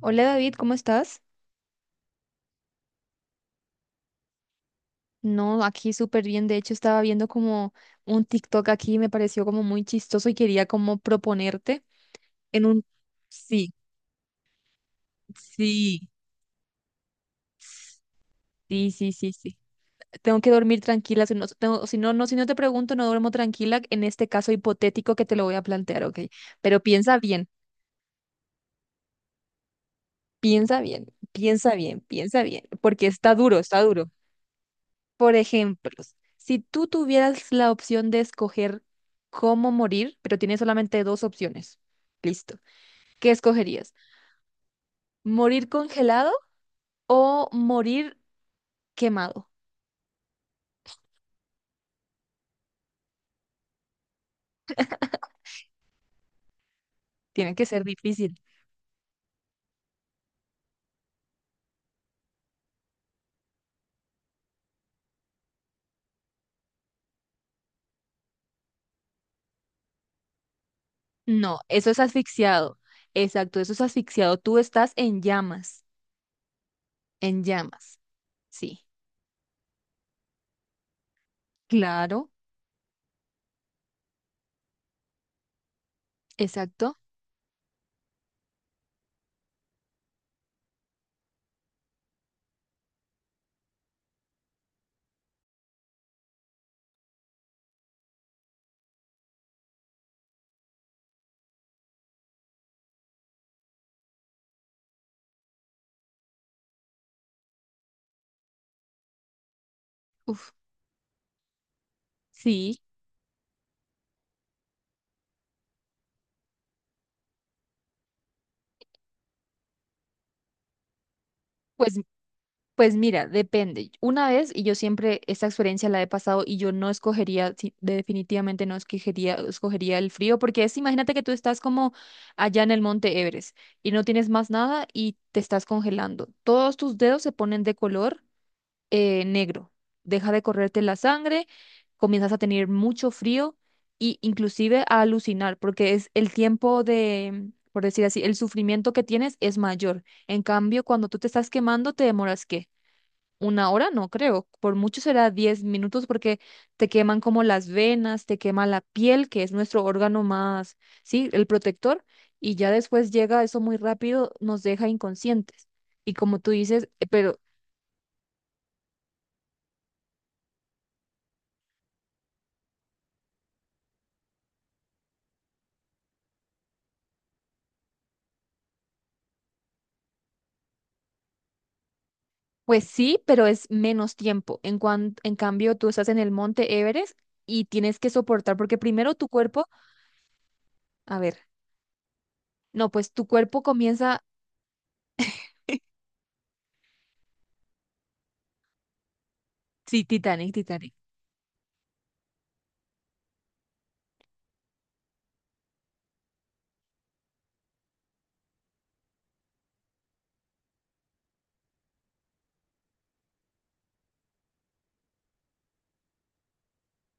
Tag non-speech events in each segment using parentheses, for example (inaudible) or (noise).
Hola David, ¿cómo estás? No, aquí súper bien. De hecho, estaba viendo como un TikTok aquí y me pareció como muy chistoso y quería como proponerte en un. Sí, sí, sí, sí, sí, sí. Tengo que dormir tranquila, si no, si no te pregunto, no duermo tranquila en este caso hipotético que te lo voy a plantear, ¿ok? Pero piensa bien, piensa bien, piensa bien, piensa bien, porque está duro, está duro. Por ejemplo, si tú tuvieras la opción de escoger cómo morir, pero tienes solamente dos opciones, listo, ¿qué escogerías? ¿Morir congelado o morir quemado? Tiene que ser difícil. No, eso es asfixiado. Exacto, eso es asfixiado. Tú estás en llamas, en llamas. Sí, claro, exacto. Uf, sí, pues Pues mira, depende. Una vez, y yo siempre esta experiencia la he pasado y yo no escogería, sí, definitivamente no escogería, escogería el frío, porque es, imagínate que tú estás como allá en el Monte Everest y no tienes más nada y te estás congelando. Todos tus dedos se ponen de color negro. Deja de correrte la sangre, comienzas a tener mucho frío y inclusive a alucinar, porque es el tiempo de, por decir así, el sufrimiento que tienes es mayor. En cambio, cuando tú te estás quemando, te demoras, ¿qué? Una hora no creo, por mucho será 10 minutos porque te queman como las venas, te quema la piel, que es nuestro órgano más, sí, el protector, y ya después llega eso muy rápido, nos deja inconscientes. Y como tú dices, pero pues sí, pero es menos tiempo. En cambio, tú estás en el Monte Everest y tienes que soportar porque primero tu cuerpo, a ver, no, pues tu cuerpo comienza, sí, Titanic, Titanic.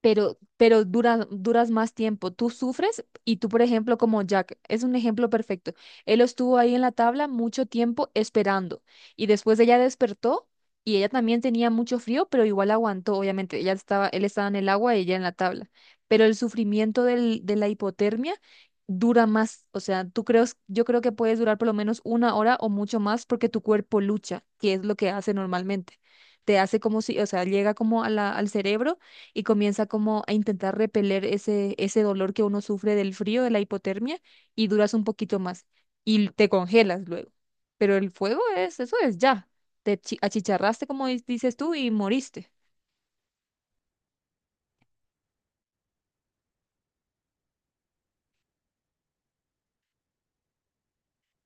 Pero duras, duras más tiempo. Tú sufres y tú, por ejemplo, como Jack, es un ejemplo perfecto. Él estuvo ahí en la tabla mucho tiempo esperando y después ella despertó y ella también tenía mucho frío, pero igual aguantó, obviamente. Ella estaba, él estaba en el agua y ella en la tabla. Pero el sufrimiento de la hipotermia dura más, o sea, tú crees, yo creo que puedes durar por lo menos una hora o mucho más porque tu cuerpo lucha, que es lo que hace normalmente. Te hace como si, o sea, llega como a al cerebro y comienza como a intentar repeler ese dolor que uno sufre del frío, de la hipotermia, y duras un poquito más y te congelas luego. Pero el fuego es, eso es ya. Te achicharraste, como dices tú, y moriste.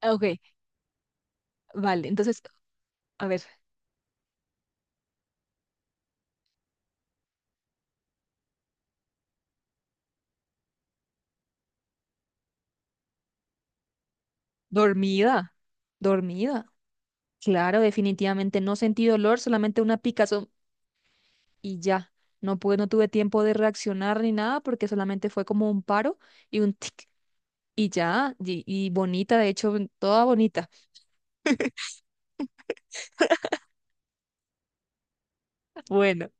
Ok, vale. Entonces, a ver. Dormida, dormida. Claro, definitivamente no sentí dolor, solamente una picazón y ya. No pude, no tuve tiempo de reaccionar ni nada porque solamente fue como un paro y un tic y ya, y bonita, de hecho, toda bonita. Bueno,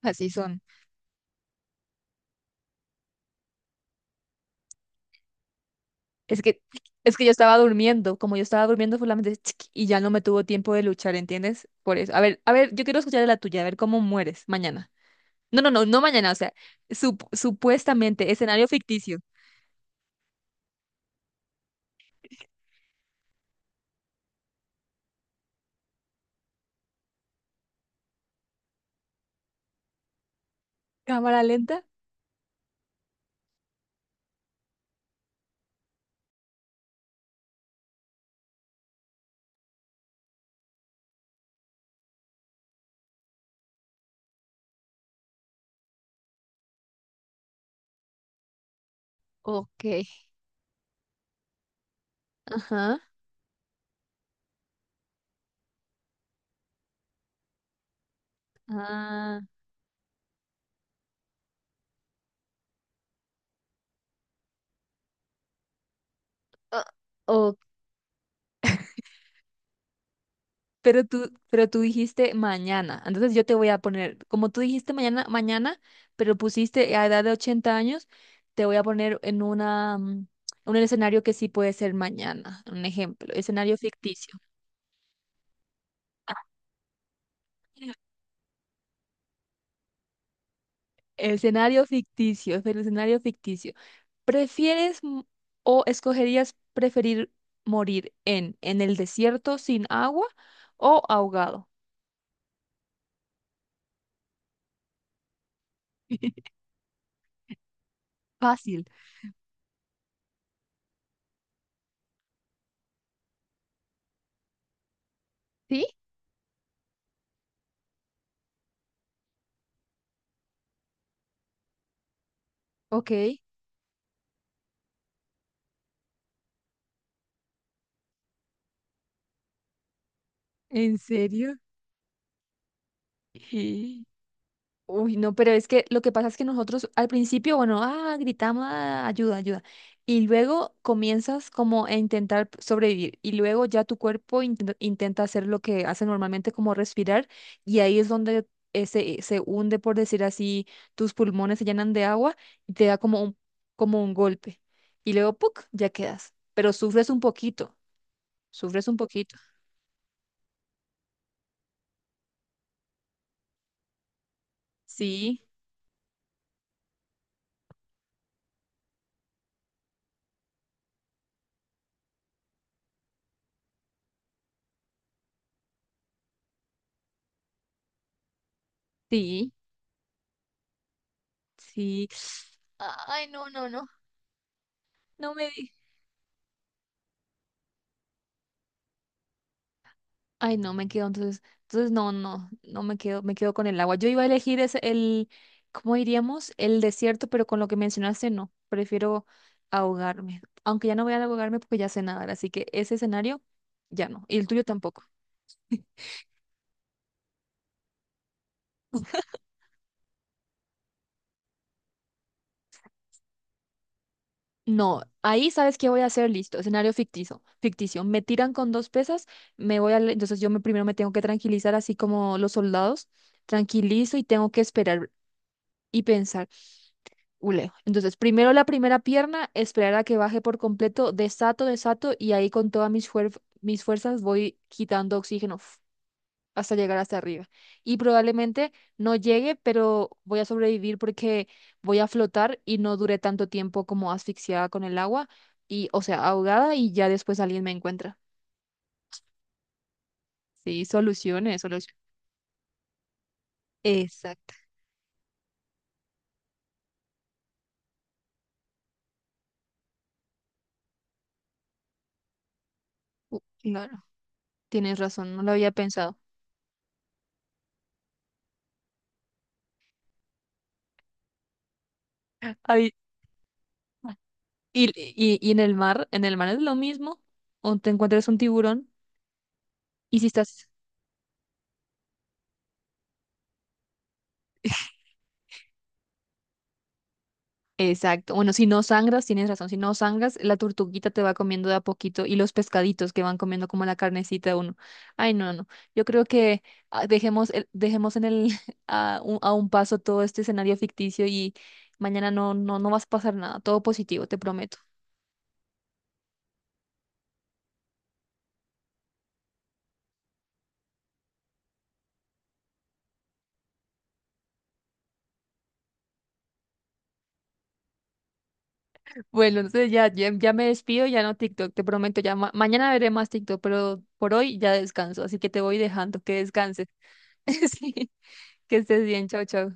así son. Es que, es que yo estaba durmiendo. Como yo estaba durmiendo, solamente (tsk) y ya no me tuvo tiempo de luchar, ¿entiendes? Por eso. A ver, yo quiero escuchar de la tuya, a ver cómo mueres mañana. No, no, no, no mañana, o sea, supuestamente, escenario ficticio. ¿Cámara lenta? Ok. Ajá. Ah, pero tú dijiste mañana. Entonces yo te voy a poner, como tú dijiste mañana, mañana, pero pusiste a edad de 80 años, te voy a poner en una, un escenario que sí puede ser mañana. Un ejemplo, escenario ficticio. Escenario ficticio, es el escenario ficticio. ¿Prefieres o escogerías preferir morir en el desierto sin agua o ahogado? (laughs) Fácil. ¿Sí? Ok. ¿En serio? (laughs) Uy, no, pero es que lo que pasa es que nosotros al principio, bueno, ah, gritamos, "Ah, ayuda, ayuda". Y luego comienzas como a intentar sobrevivir y luego ya tu cuerpo intenta, hacer lo que hace normalmente como respirar y ahí es donde se hunde, por decir así, tus pulmones se llenan de agua y te da como un golpe. Y luego, ¡puc!, ya quedas. Pero sufres un poquito, sufres un poquito. Sí, sí, sí. Ay, no, no, no, no me digas. Ay, no, me quedo, entonces no, no, no me quedo, me quedo con el agua. Yo iba a elegir ese, el, ¿cómo diríamos? El desierto, pero con lo que mencionaste, no, prefiero ahogarme. Aunque ya no voy a ahogarme porque ya sé nadar, así que ese escenario, ya no. Y el tuyo tampoco. No, ahí sabes qué voy a hacer, listo, escenario ficticio, ficticio. Me tiran con dos pesas, me voy a, entonces yo me, primero me tengo que tranquilizar, así como los soldados, tranquilizo y tengo que esperar y pensar. Ule. Entonces, primero la primera pierna, esperar a que baje por completo, desato, desato, y ahí con todas mis fuerzas voy quitando oxígeno hasta llegar hasta arriba. Y probablemente no llegue, pero voy a sobrevivir porque voy a flotar y no duré tanto tiempo como asfixiada con el agua, y, o sea, ahogada, y ya después alguien me encuentra. Sí, soluciones, soluciones. Exacto. Claro, tienes razón, no lo había pensado. Ay, y en el mar es lo mismo, o te encuentras un tiburón y si estás. Exacto, bueno, si no sangras, tienes razón, si no sangras, la tortuguita te va comiendo de a poquito y los pescaditos que van comiendo como la carnecita de uno. Ay, no, no, yo creo que ah, dejemos, dejemos en el, (laughs) a un paso todo este escenario ficticio y mañana no, no, no vas a pasar nada, todo positivo, te prometo. Bueno, entonces ya, ya, ya me despido, ya no TikTok, te prometo, ya mañana veré más TikTok, pero por hoy ya descanso, así que te voy dejando, que descanses. (laughs) Sí, que estés bien, chao, chao.